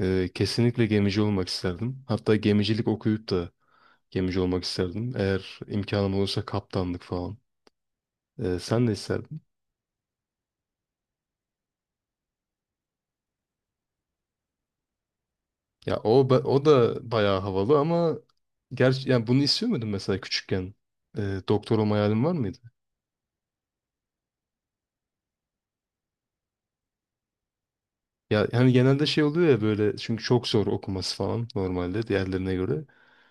Kesinlikle gemici olmak isterdim. Hatta gemicilik okuyup da gemici olmak isterdim. Eğer imkanım olursa kaptanlık falan. Sen ne isterdin? Ya o da bayağı havalı ama gerçi yani bunu istiyor muydun mesela küçükken? Doktor olma hayalin var mıydı? Ya hani genelde şey oluyor ya böyle çünkü çok zor okuması falan normalde diğerlerine göre.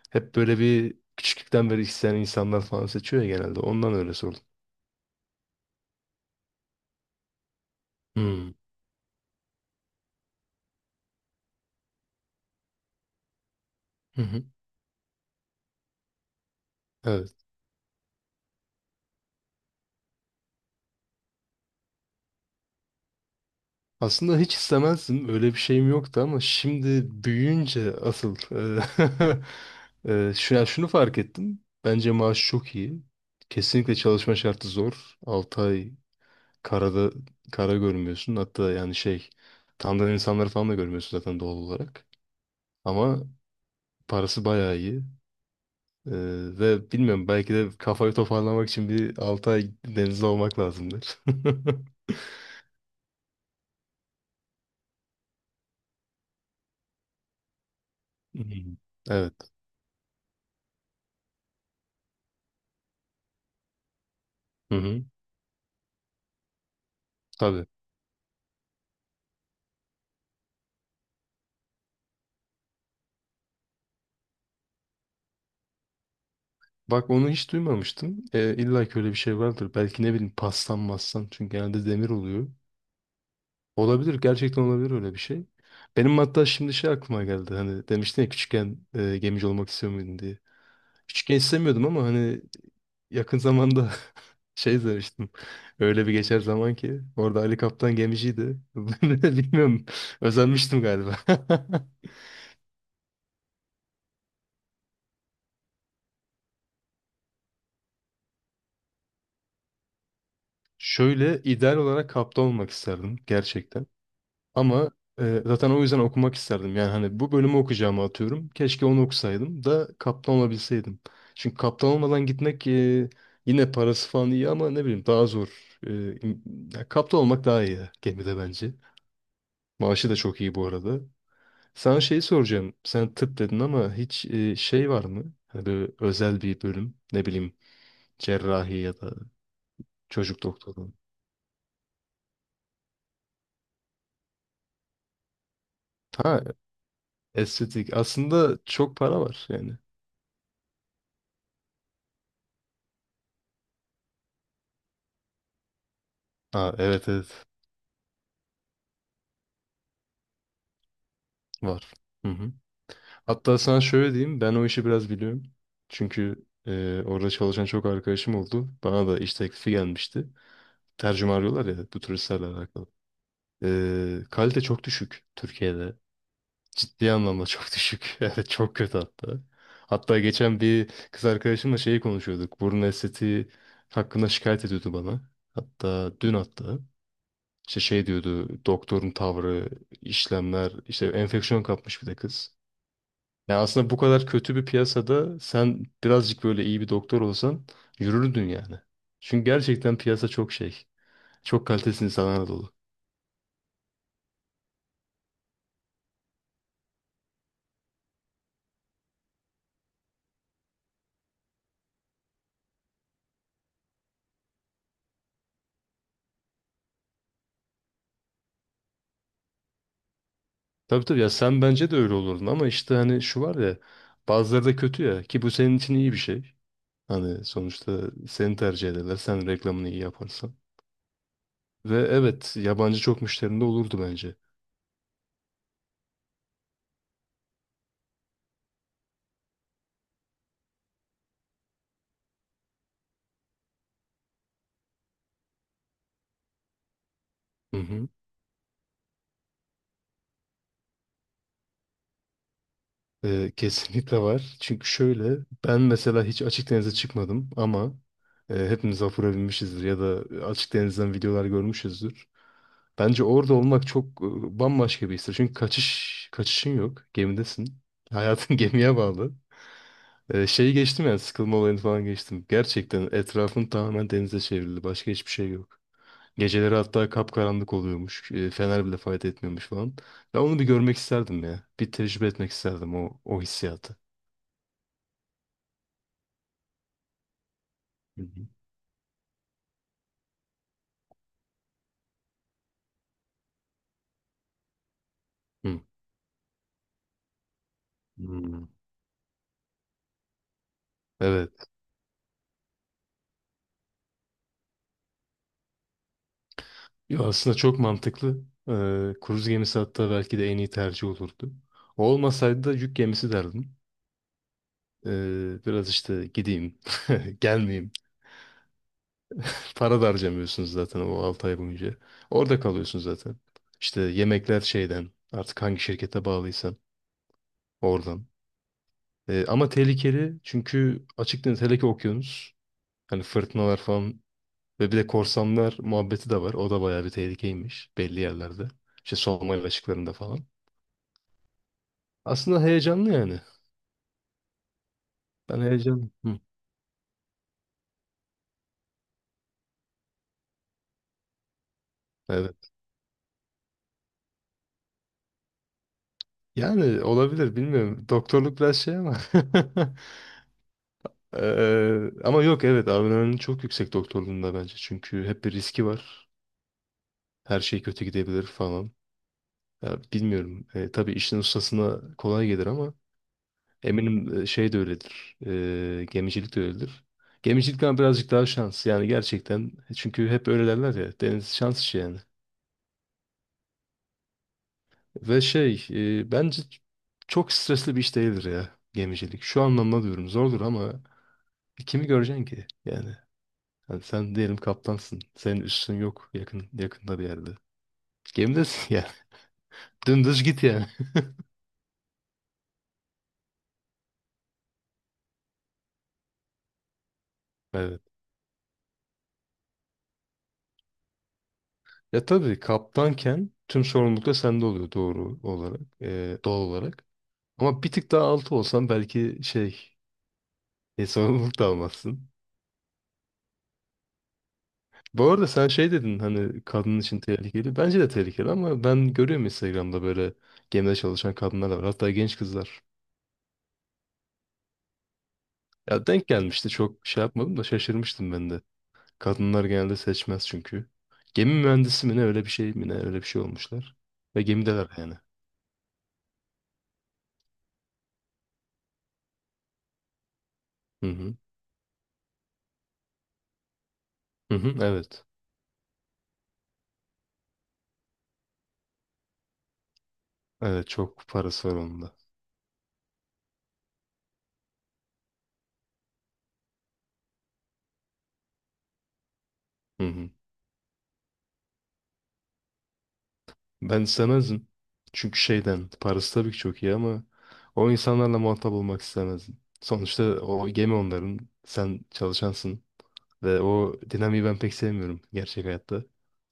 Hep böyle bir küçüklükten beri isteyen insanlar falan seçiyor ya genelde. Ondan öyle sordum. Hmm. Hı hı. Evet. Aslında hiç istemezdim. Öyle bir şeyim yoktu ama şimdi büyüyünce asıl ya şunu fark ettim. Bence maaş çok iyi. Kesinlikle çalışma şartı zor. 6 ay karada kara görmüyorsun. Hatta yani şey tanıdığın insanları falan da görmüyorsun zaten doğal olarak. Ama parası bayağı iyi. E, ve bilmiyorum belki de kafayı toparlamak için bir 6 ay denizde olmak lazımdır. Hmm. Evet. Hı hı. Tabii. Bak onu hiç duymamıştım. İlla ki öyle bir şey vardır. Belki ne bileyim pastan mastan. Çünkü genelde demir oluyor. Olabilir. Gerçekten olabilir öyle bir şey. Benim hatta şimdi şey aklıma geldi. Hani demiştin ya küçükken gemici olmak istiyor muydun diye. Küçükken istemiyordum ama hani yakın zamanda şey demiştim. Öyle bir geçer zaman ki. Orada Ali Kaptan gemiciydi. Bilmiyorum. Özenmiştim galiba. Şöyle ideal olarak kaptan olmak isterdim. Gerçekten. Ama zaten o yüzden okumak isterdim. Yani hani bu bölümü okuyacağımı atıyorum. Keşke onu okusaydım da kaptan olabilseydim. Çünkü kaptan olmadan gitmek yine parası falan iyi ama ne bileyim daha zor. E, ya kaptan olmak daha iyi gemide bence. Maaşı da çok iyi bu arada. Sana şeyi soracağım. Sen tıp dedin ama hiç şey var mı? Hani böyle özel bir bölüm. Ne bileyim cerrahi ya da çocuk doktoru. Ha estetik. Aslında çok para var yani. Ha evet evet var. Hı hı. Hatta sana şöyle diyeyim, ben o işi biraz biliyorum. Çünkü orada çalışan çok arkadaşım oldu. Bana da iş teklifi gelmişti. Tercüme arıyorlar ya bu turistlerle alakalı. Kalite çok düşük Türkiye'de. Ciddi anlamda çok düşük. Evet çok kötü hatta. Hatta geçen bir kız arkadaşımla şeyi konuşuyorduk. Burun estetiği hakkında şikayet ediyordu bana. Hatta dün hatta. İşte şey diyordu doktorun tavrı, işlemler, işte enfeksiyon kapmış bir de kız. Yani aslında bu kadar kötü bir piyasada sen birazcık böyle iyi bir doktor olsan yürürdün yani. Çünkü gerçekten piyasa çok şey. Çok kalitesiz insanlarla dolu. Tabii tabii ya sen bence de öyle olurdun ama işte hani şu var ya bazıları da kötü ya ki bu senin için iyi bir şey. Hani sonuçta seni tercih ederler sen reklamını iyi yaparsan. Ve evet yabancı çok müşterinde olurdu bence. Hı hı. Kesinlikle var. Çünkü şöyle ben mesela hiç açık denize çıkmadım ama hepimiz vapura binmişizdir ya da açık denizden videolar görmüşüzdür. Bence orada olmak çok bambaşka bir histir. Çünkü kaçış kaçışın yok. Gemidesin. Hayatın gemiye bağlı. Şeyi geçtim yani sıkılma olayını falan geçtim. Gerçekten etrafın tamamen denize çevrildi. Başka hiçbir şey yok. Geceleri hatta kapkaranlık oluyormuş. Fener bile fayda etmiyormuş falan. Ben onu bir görmek isterdim ya. Bir tecrübe etmek isterdim o hissiyatı. Hı. Hmm. Evet. Ya aslında çok mantıklı. Kruz gemisi hatta belki de en iyi tercih olurdu. O olmasaydı da yük gemisi derdim. Biraz işte gideyim, gelmeyeyim. Para da harcamıyorsunuz zaten o 6 ay boyunca. Orada kalıyorsun zaten. İşte yemekler şeyden, artık hangi şirkete bağlıysan oradan. Ama tehlikeli çünkü açık deniz hele ki okyanus. Hani fırtınalar falan. Ve bir de korsanlar muhabbeti de var. O da bayağı bir tehlikeymiş belli yerlerde. İşte Somali açıklarında falan. Aslında heyecanlı yani. Ben heyecanlı. Hı. Evet. Yani olabilir bilmiyorum. Doktorluk biraz şey ama. Ama yok evet adrenalin çok yüksek doktorluğunda bence. Çünkü hep bir riski var. Her şey kötü gidebilir falan. Ya bilmiyorum. Tabii işin ustasına kolay gelir ama eminim şey de öyledir. Gemicilik de öyledir. Gemicilik ama birazcık daha şans. Yani gerçekten. Çünkü hep öyle derler ya. Deniz şans işi yani. Ve şey bence çok stresli bir iş değildir ya gemicilik. Şu anlamda diyorum zordur ama kimi göreceksin ki? Yani hani sen diyelim kaptansın. Senin üstün yok yakında bir yerde. Gemidesin yani. Dümdüz git yani. Evet. Ya tabii kaptanken tüm sorumluluk da sende oluyor doğru olarak. Doğal olarak. Ama bir tık daha altı olsan belki şey sorumluluk da almazsın. Bu arada sen şey dedin hani kadın için tehlikeli. Bence de tehlikeli ama ben görüyorum Instagram'da böyle gemide çalışan kadınlar da var. Hatta genç kızlar. Ya denk gelmişti çok şey yapmadım da şaşırmıştım ben de. Kadınlar genelde seçmez çünkü. Gemi mühendisi mi ne öyle bir şey olmuşlar. Ve gemideler yani. Hı hı. Hı hı. Evet. Evet çok parası var onun da. Hı hı. Ben istemezdim. Çünkü şeyden, parası tabii ki çok iyi ama o insanlarla muhatap olmak istemezdim. Sonuçta o gemi onların, sen çalışansın ve o dinamiği ben pek sevmiyorum gerçek hayatta.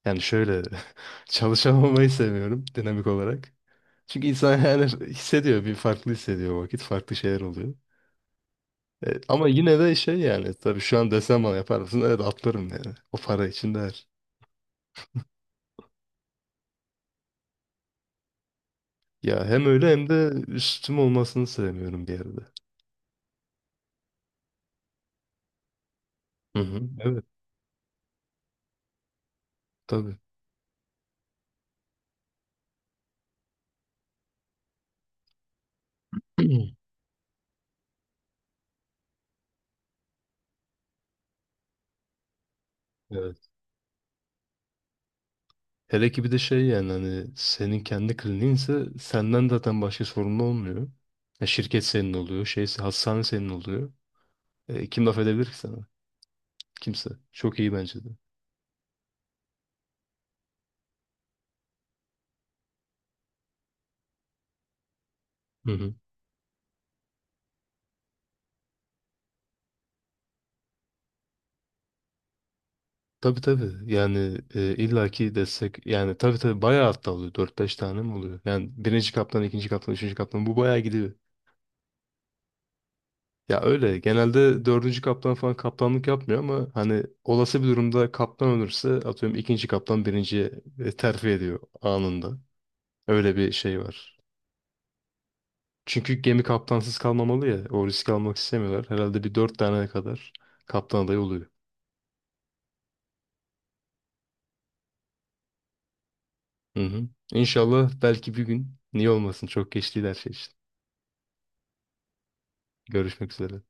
Yani şöyle, çalışamamayı sevmiyorum dinamik olarak. Çünkü insan yani hissediyor, bir farklı hissediyor o vakit, farklı şeyler oluyor. Ama yine de şey yani, tabii şu an desem bana yapar mısın? Evet atlarım yani. O para için değer. Ya hem öyle hem de üstüm olmasını sevmiyorum bir yerde. Hı hı. Evet. Tabii. Evet. Hele ki bir de şey yani hani senin kendi kliniğinse senden zaten başka sorumlu olmuyor. Ya şirket senin oluyor, şey hastane senin oluyor. Kim laf edebilir ki sana? Kimse. Çok iyi bence de. Hı hı. Tabii tabii. Yani illaki destek yani tabii tabii bayağı hatta oluyor. 4-5 tane mi oluyor? Yani birinci kaptan, ikinci kaptan, üçüncü kaptan bu bayağı gidiyor. Ya öyle genelde dördüncü kaptan falan kaptanlık yapmıyor ama hani olası bir durumda kaptan ölürse atıyorum ikinci kaptan birinciye terfi ediyor anında. Öyle bir şey var. Çünkü gemi kaptansız kalmamalı ya o riski almak istemiyorlar. Herhalde bir dört tane kadar kaptan adayı oluyor. Hı hı. İnşallah belki bir gün niye olmasın çok geç değil her şey için. Görüşmek üzere.